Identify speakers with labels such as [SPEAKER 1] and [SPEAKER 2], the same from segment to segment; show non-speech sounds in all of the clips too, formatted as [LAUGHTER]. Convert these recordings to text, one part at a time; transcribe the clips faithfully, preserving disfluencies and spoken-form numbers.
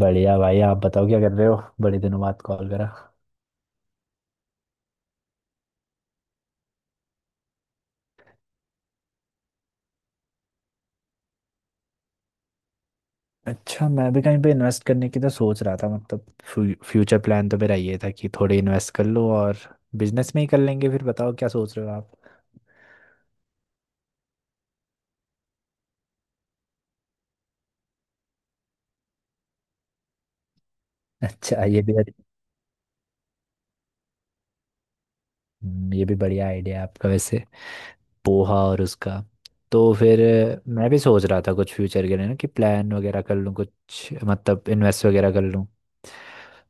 [SPEAKER 1] बढ़िया भाई। आप बताओ क्या कर रहे हो, बड़े दिनों बाद कॉल करा। अच्छा, मैं भी कहीं पे इन्वेस्ट करने की तो सोच रहा था। मतलब फ्यू, फ्यूचर प्लान तो मेरा ये था कि थोड़े इन्वेस्ट कर लो और बिजनेस में ही कर लेंगे। फिर बताओ क्या सोच रहे हो आप। अच्छा ये भी। हम्म, ये भी बढ़िया आइडिया है आपका वैसे। पोहा और उसका तो फिर अ, मैं भी सोच रहा था कुछ फ्यूचर के लिए ना कि प्लान वगैरह कर लूँ कुछ। मतलब इन्वेस्ट वगैरह कर लूँ।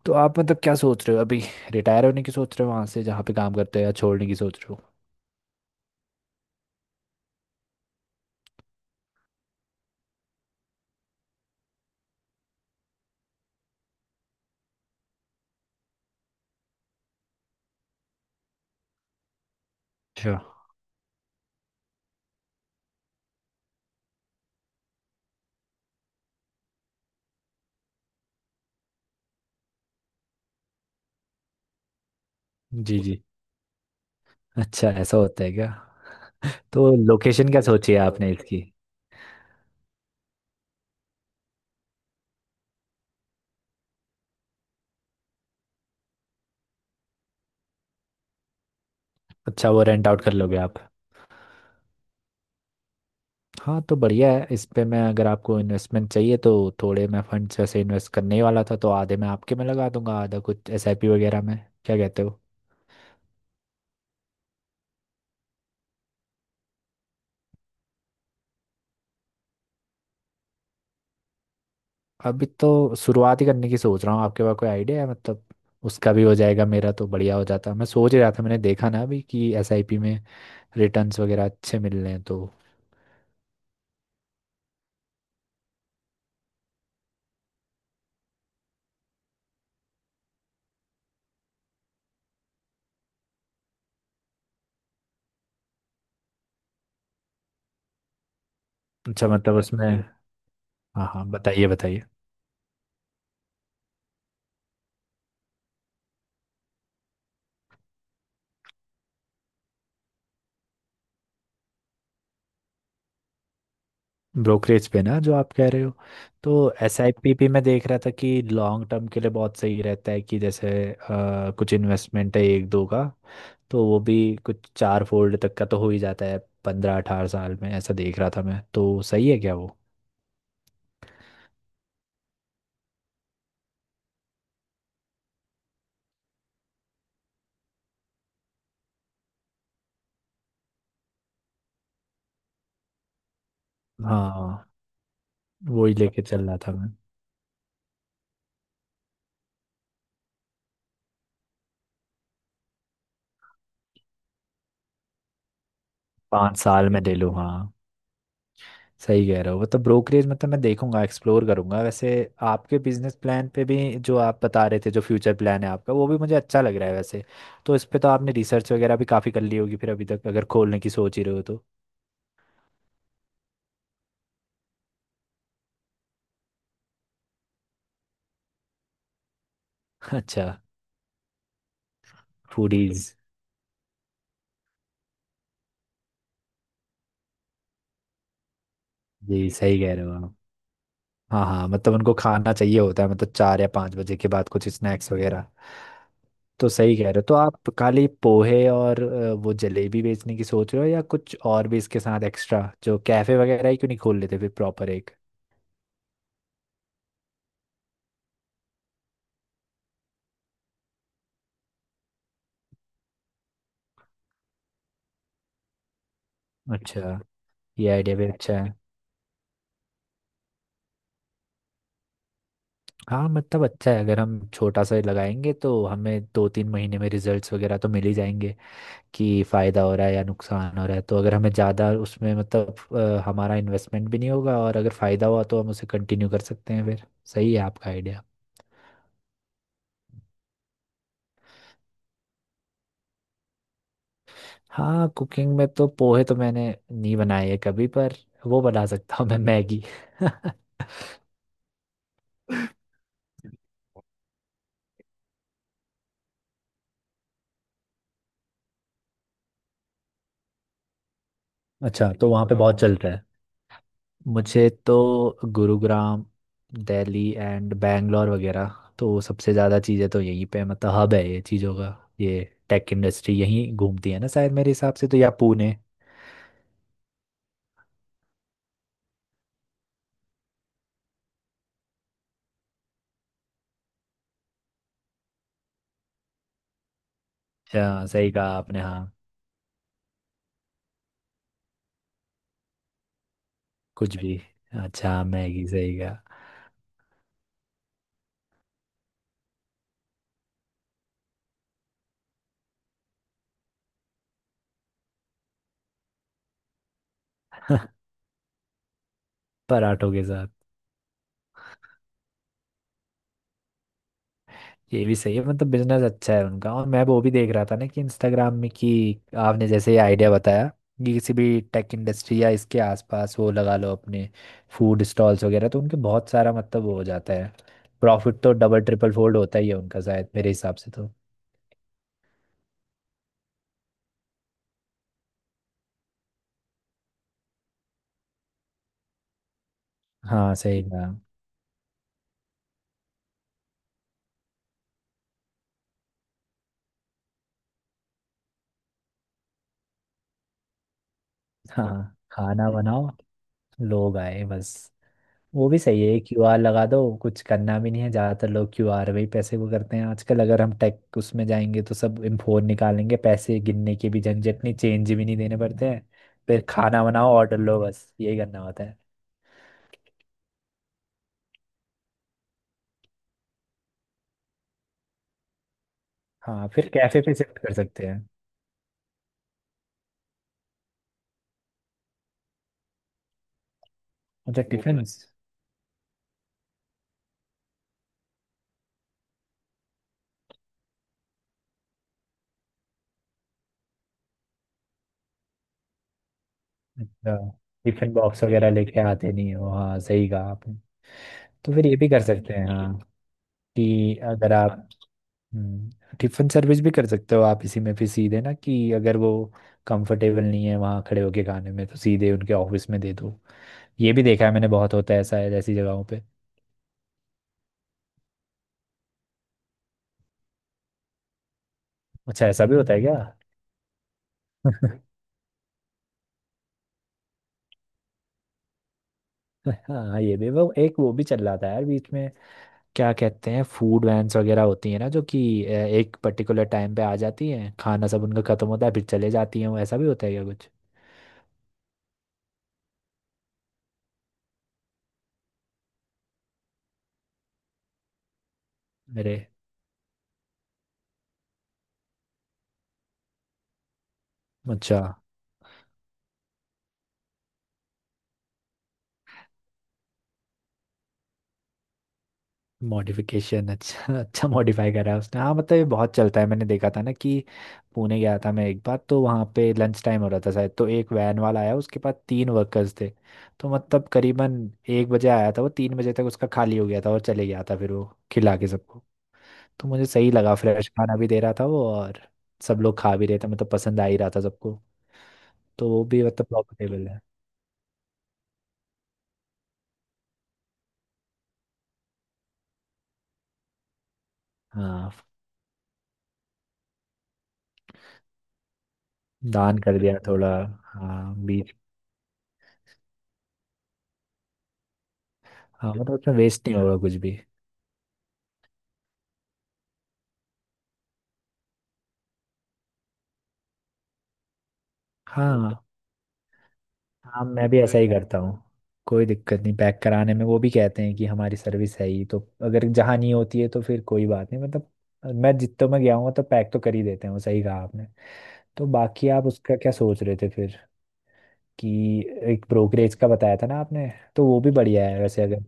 [SPEAKER 1] तो आप मतलब क्या सोच रहे हो अभी। रिटायर होने की सोच रहे हो वहाँ से जहाँ पे काम करते हो, या छोड़ने की सोच रहे हो। अच्छा। जी जी। अच्छा ऐसा होता है क्या। तो लोकेशन क्या सोची है आपने इसकी। अच्छा वो रेंट आउट कर लोगे आप। हाँ तो बढ़िया है। इस पे मैं अगर आपको इन्वेस्टमेंट चाहिए तो थोड़े मैं फंड्स वैसे इन्वेस्ट करने ही वाला था, तो आधे मैं आपके में लगा दूंगा, आधा कुछ एस आई पी वगैरह में। क्या कहते हो। अभी तो शुरुआत ही करने की सोच रहा हूँ। आपके पास कोई आइडिया है मतलब, उसका भी हो जाएगा। मेरा तो बढ़िया हो जाता, मैं सोच ही रहा था। मैंने देखा ना अभी कि एस आई पी में रिटर्न्स वगैरह अच्छे मिल रहे हैं तो। अच्छा मतलब उसमें। हाँ हाँ, बताइए बताइए। ब्रोकरेज पे ना जो आप कह रहे हो, तो एस आई पी पी मैं देख रहा था कि लॉन्ग टर्म के लिए बहुत सही रहता है। कि जैसे अ, कुछ इन्वेस्टमेंट है एक दो का, तो वो भी कुछ चार फोल्ड तक का तो हो ही जाता है पंद्रह अठारह साल में। ऐसा देख रहा था मैं, तो सही है क्या वो। हाँ, वो ही लेके चल रहा था मैं। पाँच साल में ले लूँ, हाँ। सही कह रहे हो। मतलब ब्रोकरेज मतलब मैं देखूंगा, एक्सप्लोर करूंगा वैसे। आपके बिजनेस प्लान पे भी जो आप बता रहे थे, जो फ्यूचर प्लान है आपका, वो भी मुझे अच्छा लग रहा है वैसे। तो इस पे तो आपने रिसर्च वगैरह भी काफ़ी कर ली होगी फिर, अभी तक अगर खोलने की सोच ही रहे हो तो। [LAUGHS] अच्छा। फूडीज। जी सही कह रहे हो आप। हाँ हाँ, मतलब उनको खाना चाहिए होता है। मतलब चार या पाँच बजे के बाद कुछ स्नैक्स वगैरह। तो सही कह रहे हो। तो आप खाली पोहे और अ, वो जलेबी बेचने की सोच रहे हो, या कुछ और भी इसके साथ एक्स्ट्रा। जो कैफे वगैरह ही क्यों नहीं खोल लेते फिर प्रॉपर एक। अच्छा। ये आइडिया भी अच्छा है। हाँ मतलब अच्छा है। अगर हम छोटा सा लगाएंगे तो हमें दो तीन महीने में रिजल्ट्स वगैरह तो मिल ही जाएंगे कि फ़ायदा हो रहा है या नुकसान हो रहा है। तो अगर हमें ज़्यादा उसमें मतलब अ, हमारा इन्वेस्टमेंट भी नहीं होगा, और अगर फ़ायदा हुआ तो हम उसे कंटिन्यू कर सकते हैं फिर। सही है आपका आइडिया। हाँ, कुकिंग में तो पोहे तो मैंने नहीं बनाए है कभी, पर वो बना सकता हूँ मैं, मैगी। [LAUGHS] अच्छा तो वहाँ पे बहुत चलता है। मुझे तो गुरुग्राम, दिल्ली एंड बैंगलोर वगैरह। तो सबसे ज़्यादा चीज़ें तो यहीं पे मतलब हब है ये चीज़ों का। ये टेक इंडस्ट्री यहीं घूमती है ना शायद मेरे हिसाब से तो, या पुणे। अ, सही कहा आपने हाँ। कुछ भी। अच्छा मैगी सही कहा। [LAUGHS] पराठों के साथ। ये भी सही है। मतलब बिजनेस अच्छा है उनका। और मैं वो भी देख रहा था ना कि इंस्टाग्राम में कि आपने जैसे ये आइडिया बताया कि किसी भी टेक इंडस्ट्री या इसके आसपास वो लगा लो अपने फूड स्टॉल्स वगैरह, तो उनके बहुत सारा मतलब वो हो जाता है। प्रॉफिट तो डबल ट्रिपल फोल्ड होता ही है उनका शायद मेरे हिसाब से तो। हाँ सही कहा। हाँ, खाना बनाओ, लोग आए, बस। वो भी सही है। क्यू आर लगा दो, कुछ करना भी नहीं है। ज़्यादातर लोग क्यू आर में ही पैसे वो करते हैं आजकल। अगर हम टेक उसमें जाएंगे तो सब फोन निकालेंगे, पैसे गिनने की भी झंझट नहीं, चेंज भी नहीं देने पड़ते हैं। फिर खाना बनाओ, ऑर्डर लो, बस यही करना होता है। हाँ फिर कैफे पे शिफ्ट कर सकते हैं। अच्छा वो तो है टिफिन। अच्छा टिफिन बॉक्स वगैरह लेके आते नहीं हो, हाँ सही कहा आपने। तो फिर ये भी कर सकते हैं हाँ। कि अगर आप, हम्म, टिफिन सर्विस भी कर सकते हो आप इसी में फिर सीधे ना। कि अगर वो कंफर्टेबल नहीं है वहाँ खड़े होके खाने में, तो सीधे उनके ऑफिस में दे दो। ये भी देखा है मैंने, बहुत होता है ऐसा है ऐसी जगहों पे। अच्छा ऐसा भी होता है क्या। [LAUGHS] हाँ ये भी वो एक वो भी चल रहा था यार बीच में। क्या कहते हैं, फूड वैन्स वगैरह होती है ना, जो कि अ, एक पर्टिकुलर टाइम पे आ जाती हैं, खाना सब उनका खत्म होता है फिर चले जाती हैं वो। ऐसा भी होता है क्या कुछ। मेरे। अच्छा मॉडिफिकेशन। [LAUGHS] अच्छा अच्छा, मॉडिफाई करा है उसने। हाँ मतलब ये बहुत चलता है। मैंने देखा था ना कि पुणे गया था मैं एक बार, तो वहाँ पे लंच टाइम हो रहा था शायद। तो एक वैन वाला आया, उसके पास तीन वर्कर्स थे। तो मतलब करीबन एक बजे आया था वो, तीन बजे तक उसका खाली हो गया था और चले गया था फिर वो, खिला के सबको। तो मुझे सही लगा, फ्रेश खाना भी दे रहा था वो, और सब लोग खा भी रहे थे, मतलब पसंद आ ही रहा था सबको। तो वो भी मतलब प्रॉफिटेबल है। हाँ, दान कर दिया थोड़ा। हाँ बीच। हाँ मतलब उसमें वेस्ट नहीं होगा कुछ भी। हाँ। हाँ मैं भी ऐसा ही करता हूँ। कोई दिक्कत नहीं पैक कराने में। वो भी कहते हैं कि हमारी सर्विस है ही तो। अगर जहाँ नहीं होती है तो फिर कोई बात नहीं मतलब। मैं जितों में गया हूँ तो पैक तो कर ही देते हैं वो, सही कहा आपने। तो बाकी आप उसका क्या सोच रहे थे फिर, कि एक ब्रोकरेज का बताया था ना आपने, तो वो भी बढ़िया है वैसे अगर।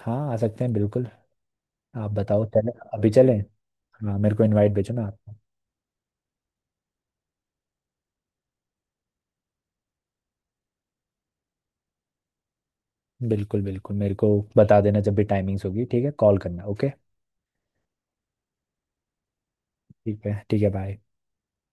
[SPEAKER 1] हाँ आ सकते हैं बिल्कुल। आप बताओ, चले, अभी चलें। हाँ मेरे को इनवाइट भेजो ना आपको। बिल्कुल बिल्कुल, मेरे को बता देना जब भी टाइमिंग्स होगी, ठीक है, कॉल करना, ओके। ठीक है ठीक है, बाय।